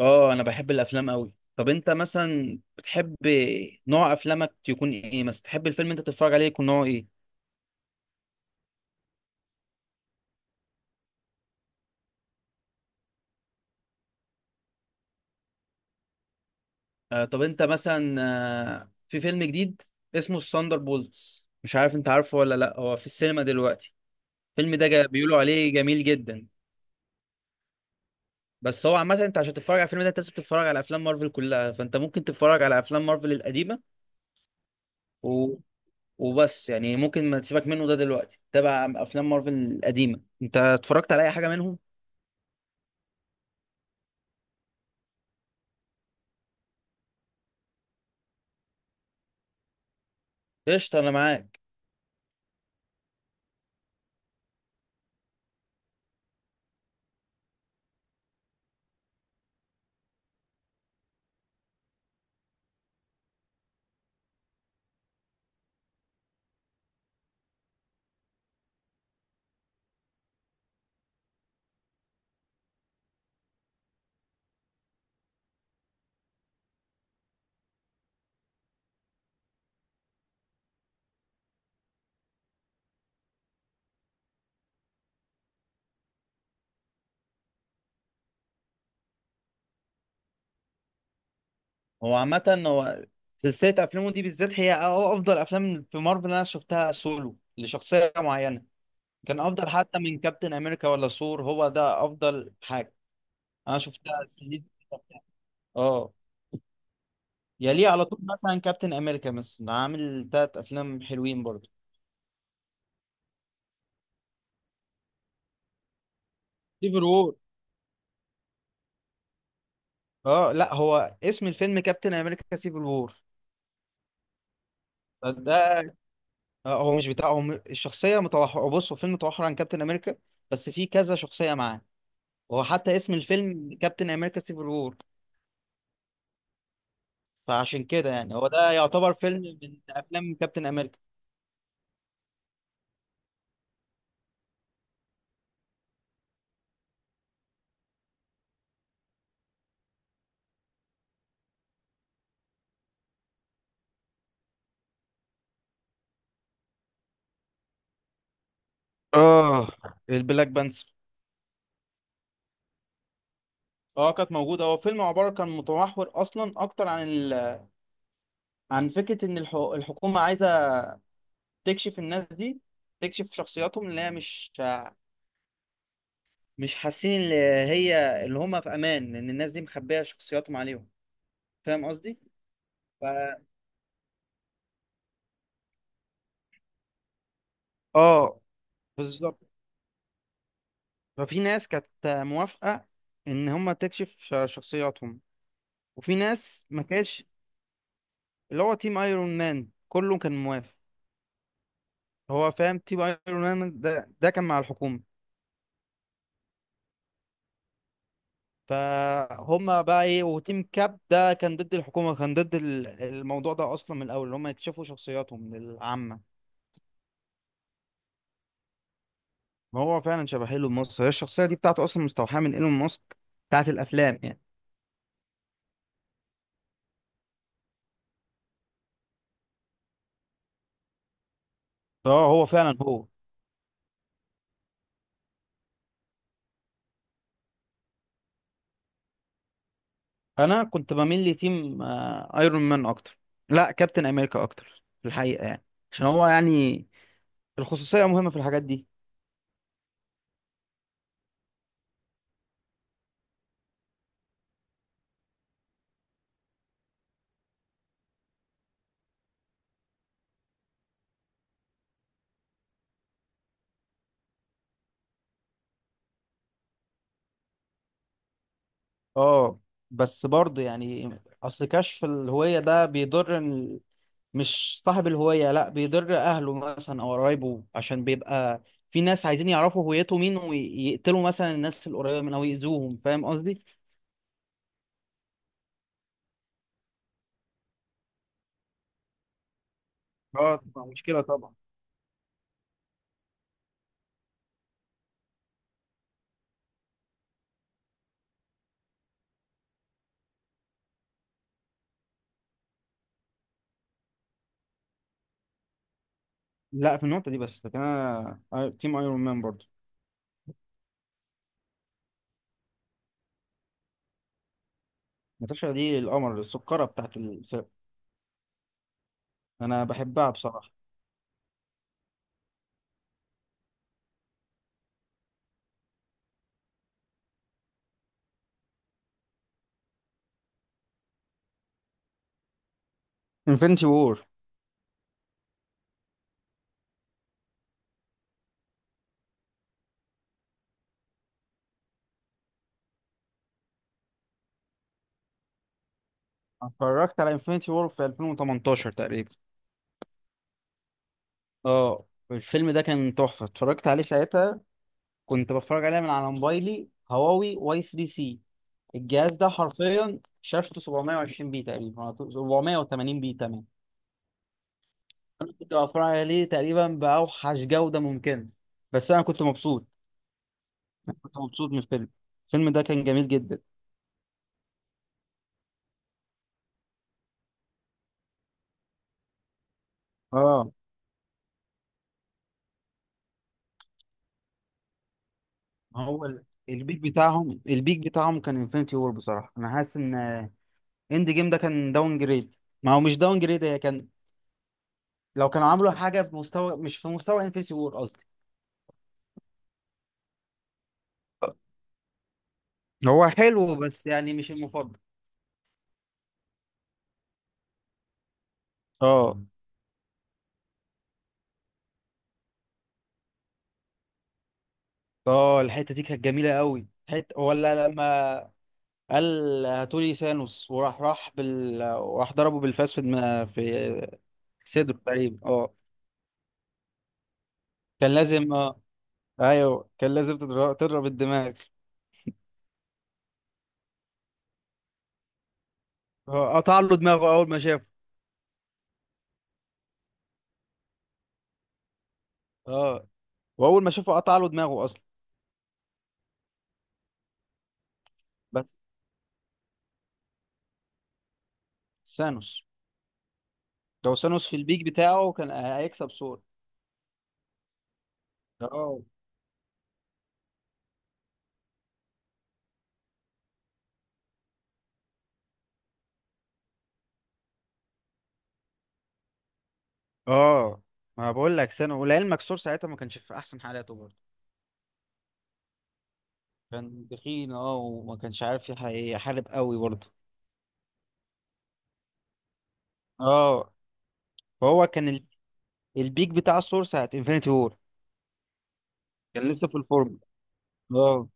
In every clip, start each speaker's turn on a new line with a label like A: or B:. A: اه انا بحب الافلام قوي. طب انت مثلا بتحب نوع افلامك يكون ايه؟ مثلا تحب الفيلم انت تتفرج عليه يكون نوعه ايه؟ طب انت مثلا في فيلم جديد اسمه الثاندر بولتس، مش عارف انت عارفه ولا لا، هو في السينما دلوقتي. الفيلم ده بيقولوا عليه جميل جدا. بس هو عامه انت عشان تتفرج على الفيلم ده انت لازم تتفرج على افلام مارفل كلها، فانت ممكن تتفرج على افلام مارفل القديمه و... وبس، يعني ممكن ما تسيبك منه ده دلوقتي، تابع افلام مارفل القديمه. انت اتفرجت على اي حاجه منهم؟ قشطه، انا معاك. هو عامة سلسلة أفلامه دي بالذات هي أفضل أفلام في مارفل أنا شفتها سولو لشخصية معينة. كان أفضل حتى من كابتن أمريكا ولا ثور، هو ده أفضل حاجة أنا شفتها سلسلة أفلام. أه. يليه على طول مثلا كابتن أمريكا، مثلا عامل تلات أفلام حلوين برضه. سيفل وور. أه لا، هو اسم الفيلم كابتن أمريكا سيفل وور. ده هو مش بتاع، الشخصية متوحرة، بص هو فيلم متوحر عن كابتن أمريكا، بس في كذا شخصية معاه. هو حتى اسم الفيلم كابتن امريكا سيفل وور، فعشان كده يعني هو ده يعتبر فيلم من افلام كابتن امريكا. اه البلاك بانثر. اه كانت موجودة. هو فيلم عبارة كان متمحور أصلا أكتر عن فكرة إن الحكومة عايزة تكشف الناس دي، تكشف شخصياتهم اللي هي مش حاسين اللي هي اللي هم في أمان، لأن الناس دي مخبية شخصياتهم عليهم. فاهم قصدي؟ ف... اه بالظبط. ففي ناس كانت موافقة إن هم تكشف شخصياتهم، وفي ناس ما كانش. اللي هو تيم ايرون مان كله كان موافق. هو فاهم تيم ايرون مان ده كان مع الحكومة، فهم بقى ايه. وتيم كاب ده كان ضد الحكومة، كان ضد الموضوع ده اصلا من الاول ان هم يكشفوا شخصياتهم للعامة. ما هو فعلا شبه ايلون ماسك، هي الشخصية دي بتاعته اصلا مستوحاة من ايلون ماسك، بتاعت الافلام يعني. اه هو فعلا هو. انا كنت بميل لتيم آه، ايرون مان اكتر. لا كابتن امريكا اكتر في الحقيقة يعني، عشان هو يعني الخصوصية مهمة في الحاجات دي. اه بس برضه يعني اصل كشف الهوية ده بيضر مش صاحب الهوية، لا بيضر اهله مثلا او قرايبه، عشان بيبقى في ناس عايزين يعرفوا هويته مين ويقتلوا مثلا الناس القريبة منه او يأذوهم. فاهم قصدي؟ اه تبقى مشكلة طبعا. لا في النقطة دي بس، لكن انا تيم ايرون مان برضه. ناتاشا دي القمر السكرة بتاعت الفرق، انا بحبها بصراحة. انفينيتي وور. اتفرجت على انفينيتي وور في 2018 تقريبا. اه الفيلم ده كان تحفة، اتفرجت عليه ساعتها. كنت بتفرج عليها من على موبايلي هواوي واي 3 سي. الجهاز ده حرفيا شاشته 720 بي تقريبا أو 780 بي، تمام. انا كنت بتفرج عليه تقريبا باوحش جودة ممكنة، بس انا كنت مبسوط، كنت مبسوط من الفيلم. الفيلم ده كان جميل جدا. اه هو البيك بتاعهم، البيك بتاعهم كان انفينيتي وور. بصراحة انا حاسس ان اند جيم ده كان داون جريد. ما هو مش داون جريد، هي كان لو كانوا عملوا حاجة في مستوى، مش في مستوى انفينيتي وور قصدي. هو حلو بس يعني مش المفضل. اه. اه الحته دي كانت جميله قوي. حته ولا لما قال هاتولي سانوس وراح، راح بال وراح ضربه بالفاس في دماغ، في صدره تقريبا. اه كان لازم اه، ايوه كان لازم تضرب، تضرب الدماغ. اه قطع له دماغه اول ما شافه. اه واول ما شافه قطع له دماغه اصلا. بس سانوس لو سانوس في البيك بتاعه كان هيكسب سور. اه. اه ما بقول لك سانوس، ولعلمك سور ساعتها ما كانش في احسن حالاته برضه. كان تخين اه، وما كانش عارف يحارب قوي برضه. اه فهو كان البيك بتاع الثور ساعة انفينيتي وور، كان لسه في الفورم. اه.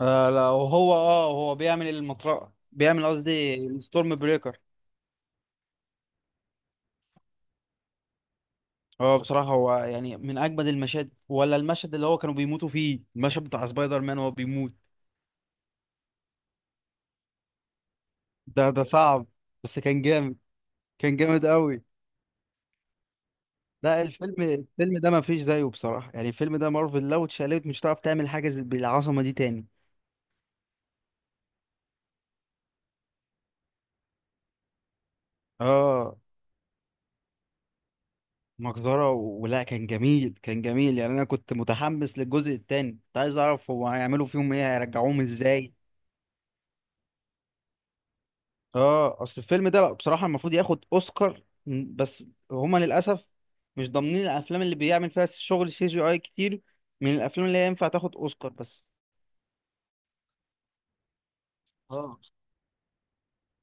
A: لا وهو اه هو بيعمل المطرقة، بيعمل قصدي الستورم بريكر. اه بصراحة هو يعني من أجمد المشاهد، ولا المشهد اللي هو كانوا بيموتوا فيه، المشهد بتاع سبايدر مان وهو بيموت. ده ده صعب، بس كان جامد، كان جامد قوي. لا الفيلم، الفيلم ده ما فيش زيه بصراحة. يعني الفيلم ده مارفل لو اتشقلبت مش هتعرف تعمل حاجة بالعظمة دي تاني. اه مجزرة ولا كان جميل، كان جميل يعني. انا كنت متحمس للجزء التاني، كنت عايز اعرف هو هيعملوا فيهم ايه، هيرجعوهم ازاي. اه اصل الفيلم ده لأ، بصراحة المفروض ياخد اوسكار م، بس هما للاسف مش ضامنين الافلام اللي بيعمل فيها شغل سي جي اي كتير من الافلام اللي هي ينفع تاخد اوسكار بس. اه.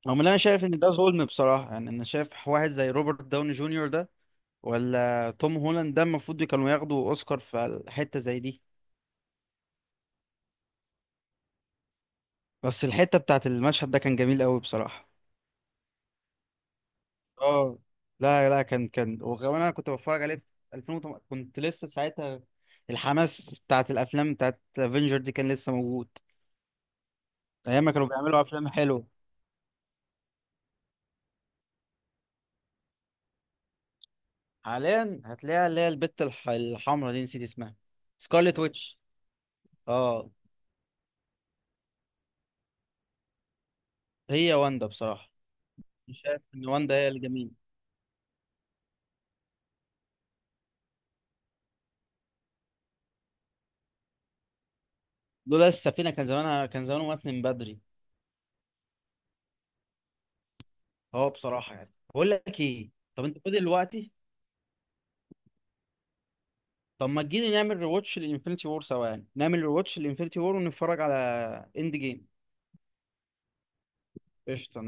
A: رغم ان انا شايف ان ده ظلم بصراحة، يعني انا شايف واحد زي روبرت داوني جونيور ده ولا توم هولاند ده المفروض كانوا ياخدوا اوسكار في حتة زي دي. بس الحتة بتاعت المشهد ده كان جميل قوي بصراحة. اه. لا كان وكمان انا كنت بتفرج عليه في 2008، كنت لسه ساعتها الحماس بتاعت الافلام بتاعت افنجر دي كان لسه موجود. ايام ما كانوا بيعملوا افلام حلوه. حاليا هتلاقيها اللي هي البت الحمراء دي، نسيت اسمها. سكارلت ويتش. اه هي واندا بصراحه، مش شايف ان واندا هي الجميل. لولا السفينه كان زمانه مات من بدري. اه بصراحه، يعني بقول لك ايه، طب انت فاضي دلوقتي؟ طب ما تجيلي نعمل ريواتش لانفينيتي وور سوا، يعني نعمل ريواتش لانفينيتي وور ونتفرج على اند جيم. قشطة.